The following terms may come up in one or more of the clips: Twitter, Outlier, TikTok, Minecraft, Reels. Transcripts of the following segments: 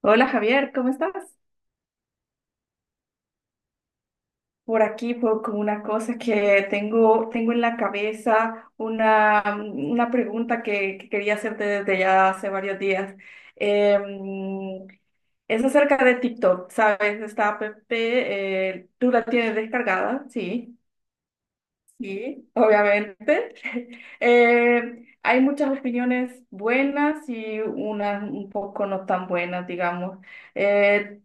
Hola Javier, ¿cómo estás? Por aquí, por como una cosa que tengo en la cabeza, una pregunta que quería hacerte desde ya hace varios días. Em, es acerca de TikTok, ¿sabes? Esta app, tú la tienes descargada, sí. Sí, obviamente. Hay muchas opiniones buenas y unas un poco no tan buenas, digamos. Eh,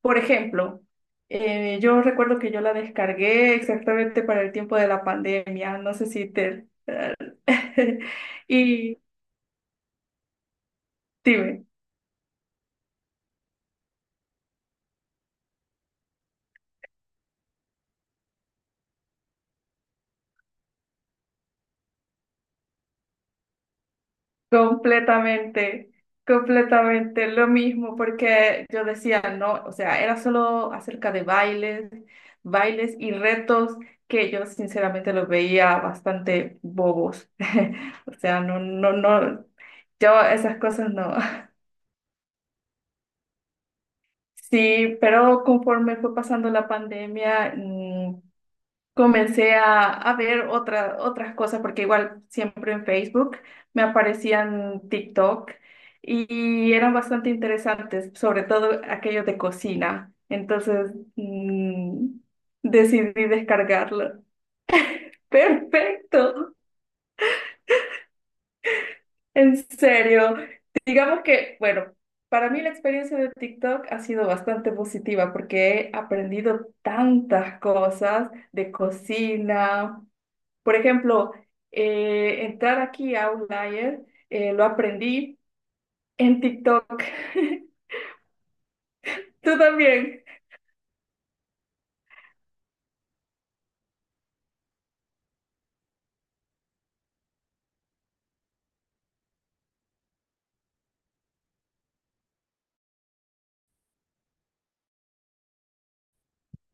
por ejemplo, yo recuerdo que yo la descargué exactamente para el tiempo de la pandemia, no sé si te... Y dime. Completamente, completamente lo mismo, porque yo decía, no, o sea, era solo acerca de bailes, bailes y retos que yo sinceramente los veía bastante bobos. O sea, no, no, no, yo esas cosas no. Sí, pero conforme fue pasando la pandemia, comencé a ver otras cosas, porque igual siempre en Facebook me aparecían TikTok y eran bastante interesantes, sobre todo aquello de cocina. Entonces, decidí descargarlo. Perfecto, en serio. Digamos que, bueno, para mí la experiencia de TikTok ha sido bastante positiva porque he aprendido tantas cosas de cocina. Por ejemplo, entrar aquí a Outlier, lo aprendí en TikTok. ¿Tú también?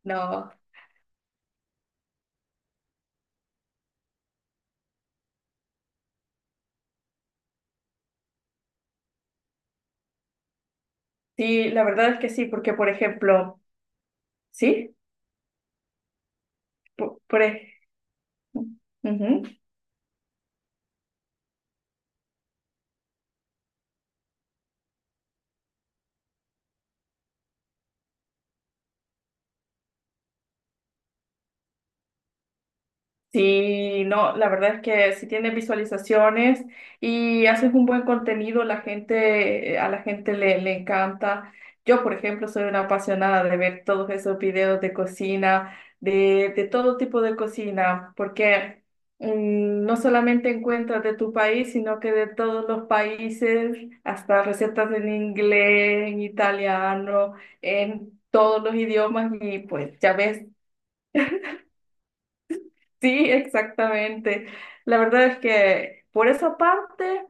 No, sí, la verdad es que sí, porque por ejemplo, sí, por, por ej- ujú. Sí, no, la verdad es que si tienes visualizaciones y haces un buen contenido, a la gente le encanta. Yo, por ejemplo, soy una apasionada de ver todos esos videos de cocina, de todo tipo de cocina, porque no solamente encuentras de tu país, sino que de todos los países, hasta recetas en inglés, en italiano, en todos los idiomas, y pues ya ves. Sí, exactamente. La verdad es que por esa parte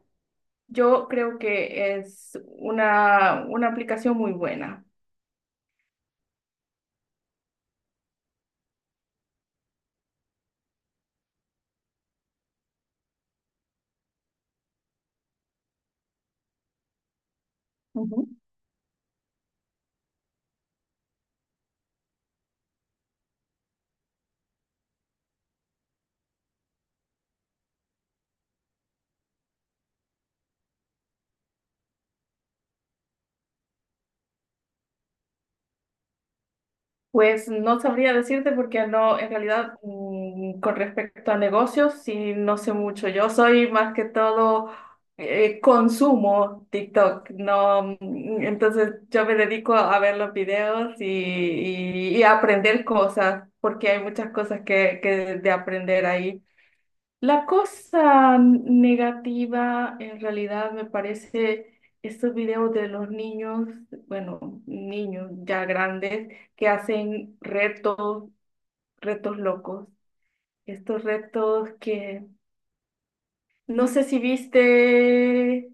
yo creo que es una aplicación muy buena. Ujú. Pues no sabría decirte porque no, en realidad con respecto a negocios, sí, no sé mucho. Yo soy más que todo, consumo TikTok, no, entonces yo me dedico a ver los videos y a aprender cosas porque hay muchas cosas que de aprender ahí. La cosa negativa en realidad me parece estos videos de los niños, bueno, niños ya grandes que hacen retos, retos locos. Estos retos que no sé si viste,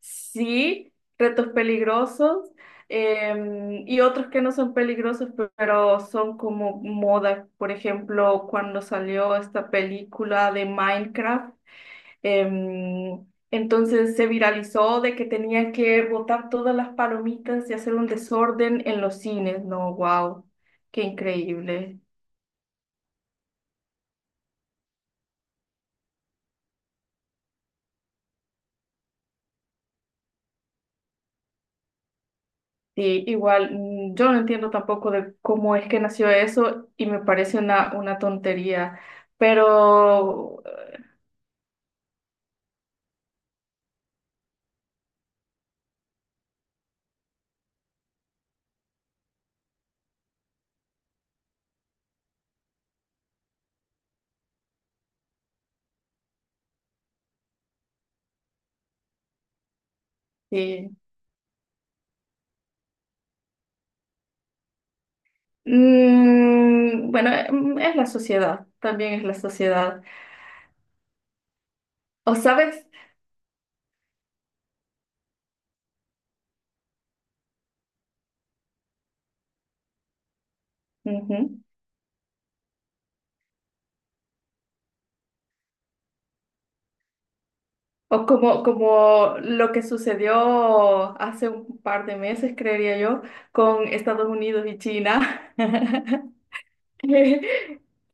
sí, retos peligrosos, y otros que no son peligrosos, pero son como moda. Por ejemplo, cuando salió esta película de Minecraft. Em, entonces se viralizó de que tenía que botar todas las palomitas y hacer un desorden en los cines. No, wow, qué increíble. Sí, igual, yo no entiendo tampoco de cómo es que nació eso y me parece una tontería, pero sí. Bueno, es la sociedad, también es la sociedad. ¿O sabes? Ujú. O como lo que sucedió hace un par de meses, creería yo, con Estados Unidos y China. Qué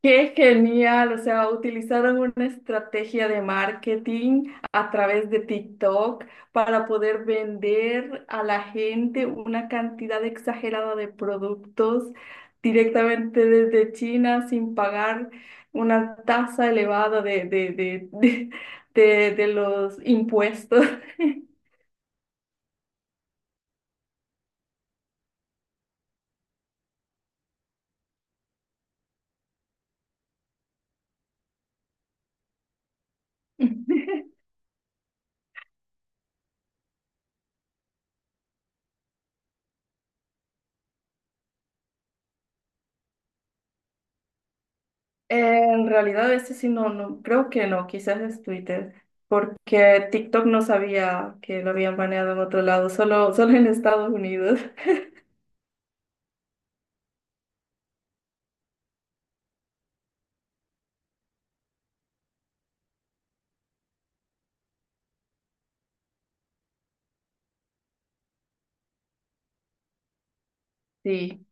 qué genial, o sea, utilizaron una estrategia de marketing a través de TikTok para poder vender a la gente una cantidad exagerada de productos directamente desde China sin pagar una tasa elevada de, de los impuestos. En realidad, ese sí no, no, creo que no, quizás es Twitter, porque TikTok no sabía que lo habían baneado en otro lado, solo en Estados Unidos. Sí,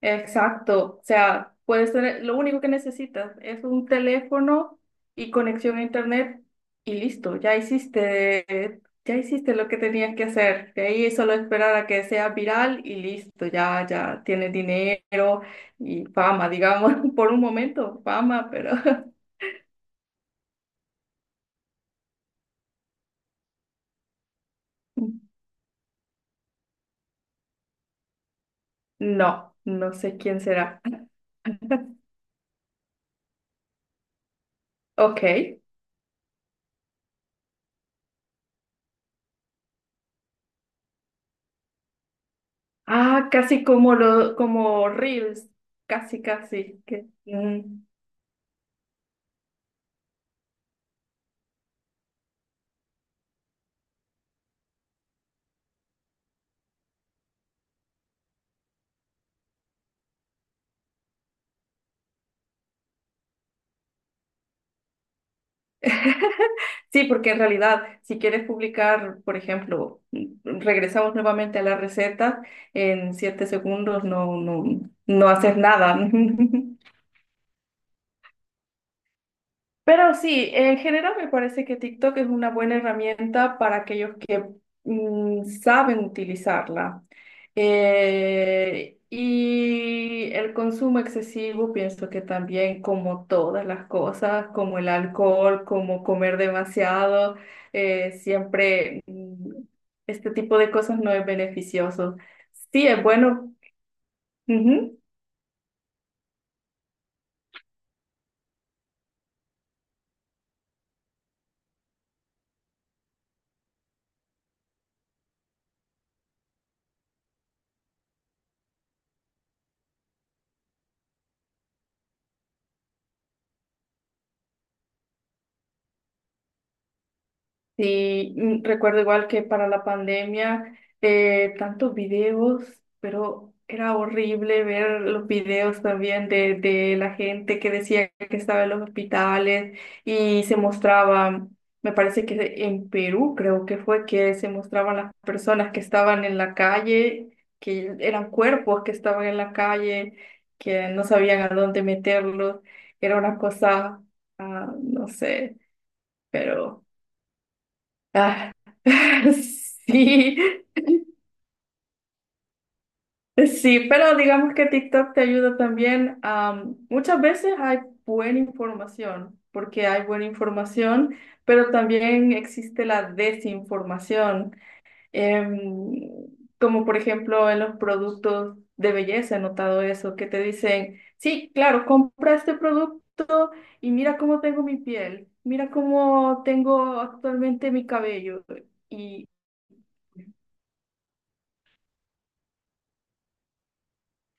exacto. O sea, puedes tener, lo único que necesitas es un teléfono y conexión a internet y listo, ya hiciste lo que tenías que hacer. De ahí solo esperar a que sea viral y listo, ya tienes dinero y fama, digamos, por un momento, fama, pero No, no sé quién será. Ok. Ah, casi como Reels. Casi, casi. Sí, porque en realidad, si quieres publicar, por ejemplo, regresamos nuevamente a la receta, en 7 segundos no haces nada. Pero sí, en general me parece que TikTok es una buena herramienta para aquellos que saben utilizarla. Y el consumo excesivo, pienso que también como todas las cosas, como el alcohol, como comer demasiado, siempre este tipo de cosas no es beneficioso. Sí, es bueno. Ujú. Sí, recuerdo igual que para la pandemia, tantos videos, pero era horrible ver los videos también de la gente que decía que estaba en los hospitales y se mostraba, me parece que en Perú creo que fue que se mostraban las personas que estaban en la calle, que eran cuerpos que estaban en la calle, que no sabían a dónde meterlos, era una cosa, ah, no sé, pero... Ah, sí, sí, pero digamos que TikTok te ayuda también. Muchas veces hay buena información, porque hay buena información, pero también existe la desinformación, em, como por ejemplo en los productos de belleza, he notado eso, que te dicen, sí, claro, compra este producto y mira cómo tengo mi piel, mira cómo tengo actualmente mi cabello. Y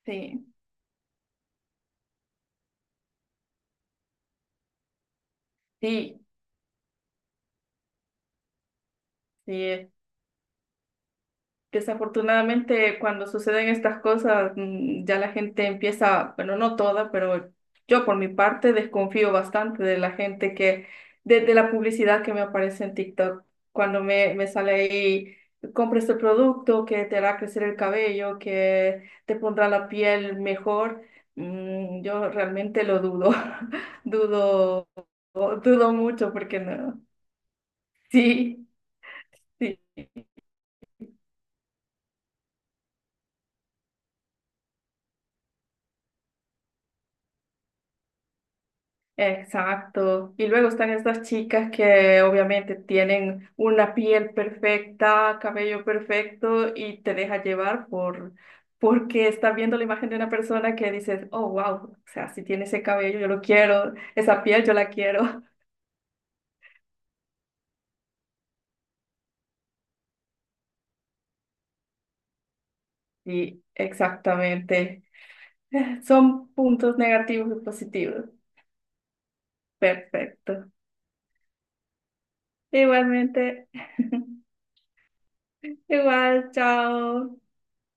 sí, sí. Sí. Desafortunadamente, cuando suceden estas cosas, ya la gente empieza, bueno, no toda, pero yo por mi parte desconfío bastante de la gente que, de la publicidad que me aparece en TikTok, cuando me sale ahí, compra este producto que te hará crecer el cabello, que te pondrá la piel mejor, yo realmente lo dudo, dudo, dudo mucho porque no. Sí, sí. Exacto. Y luego están estas chicas que obviamente tienen una piel perfecta, cabello perfecto y te deja llevar porque estás viendo la imagen de una persona que dices, oh, wow, o sea, si tiene ese cabello, yo lo quiero, esa piel, yo la quiero. Y exactamente. Son puntos negativos y positivos. Perfecto. Igualmente. Igual, chao.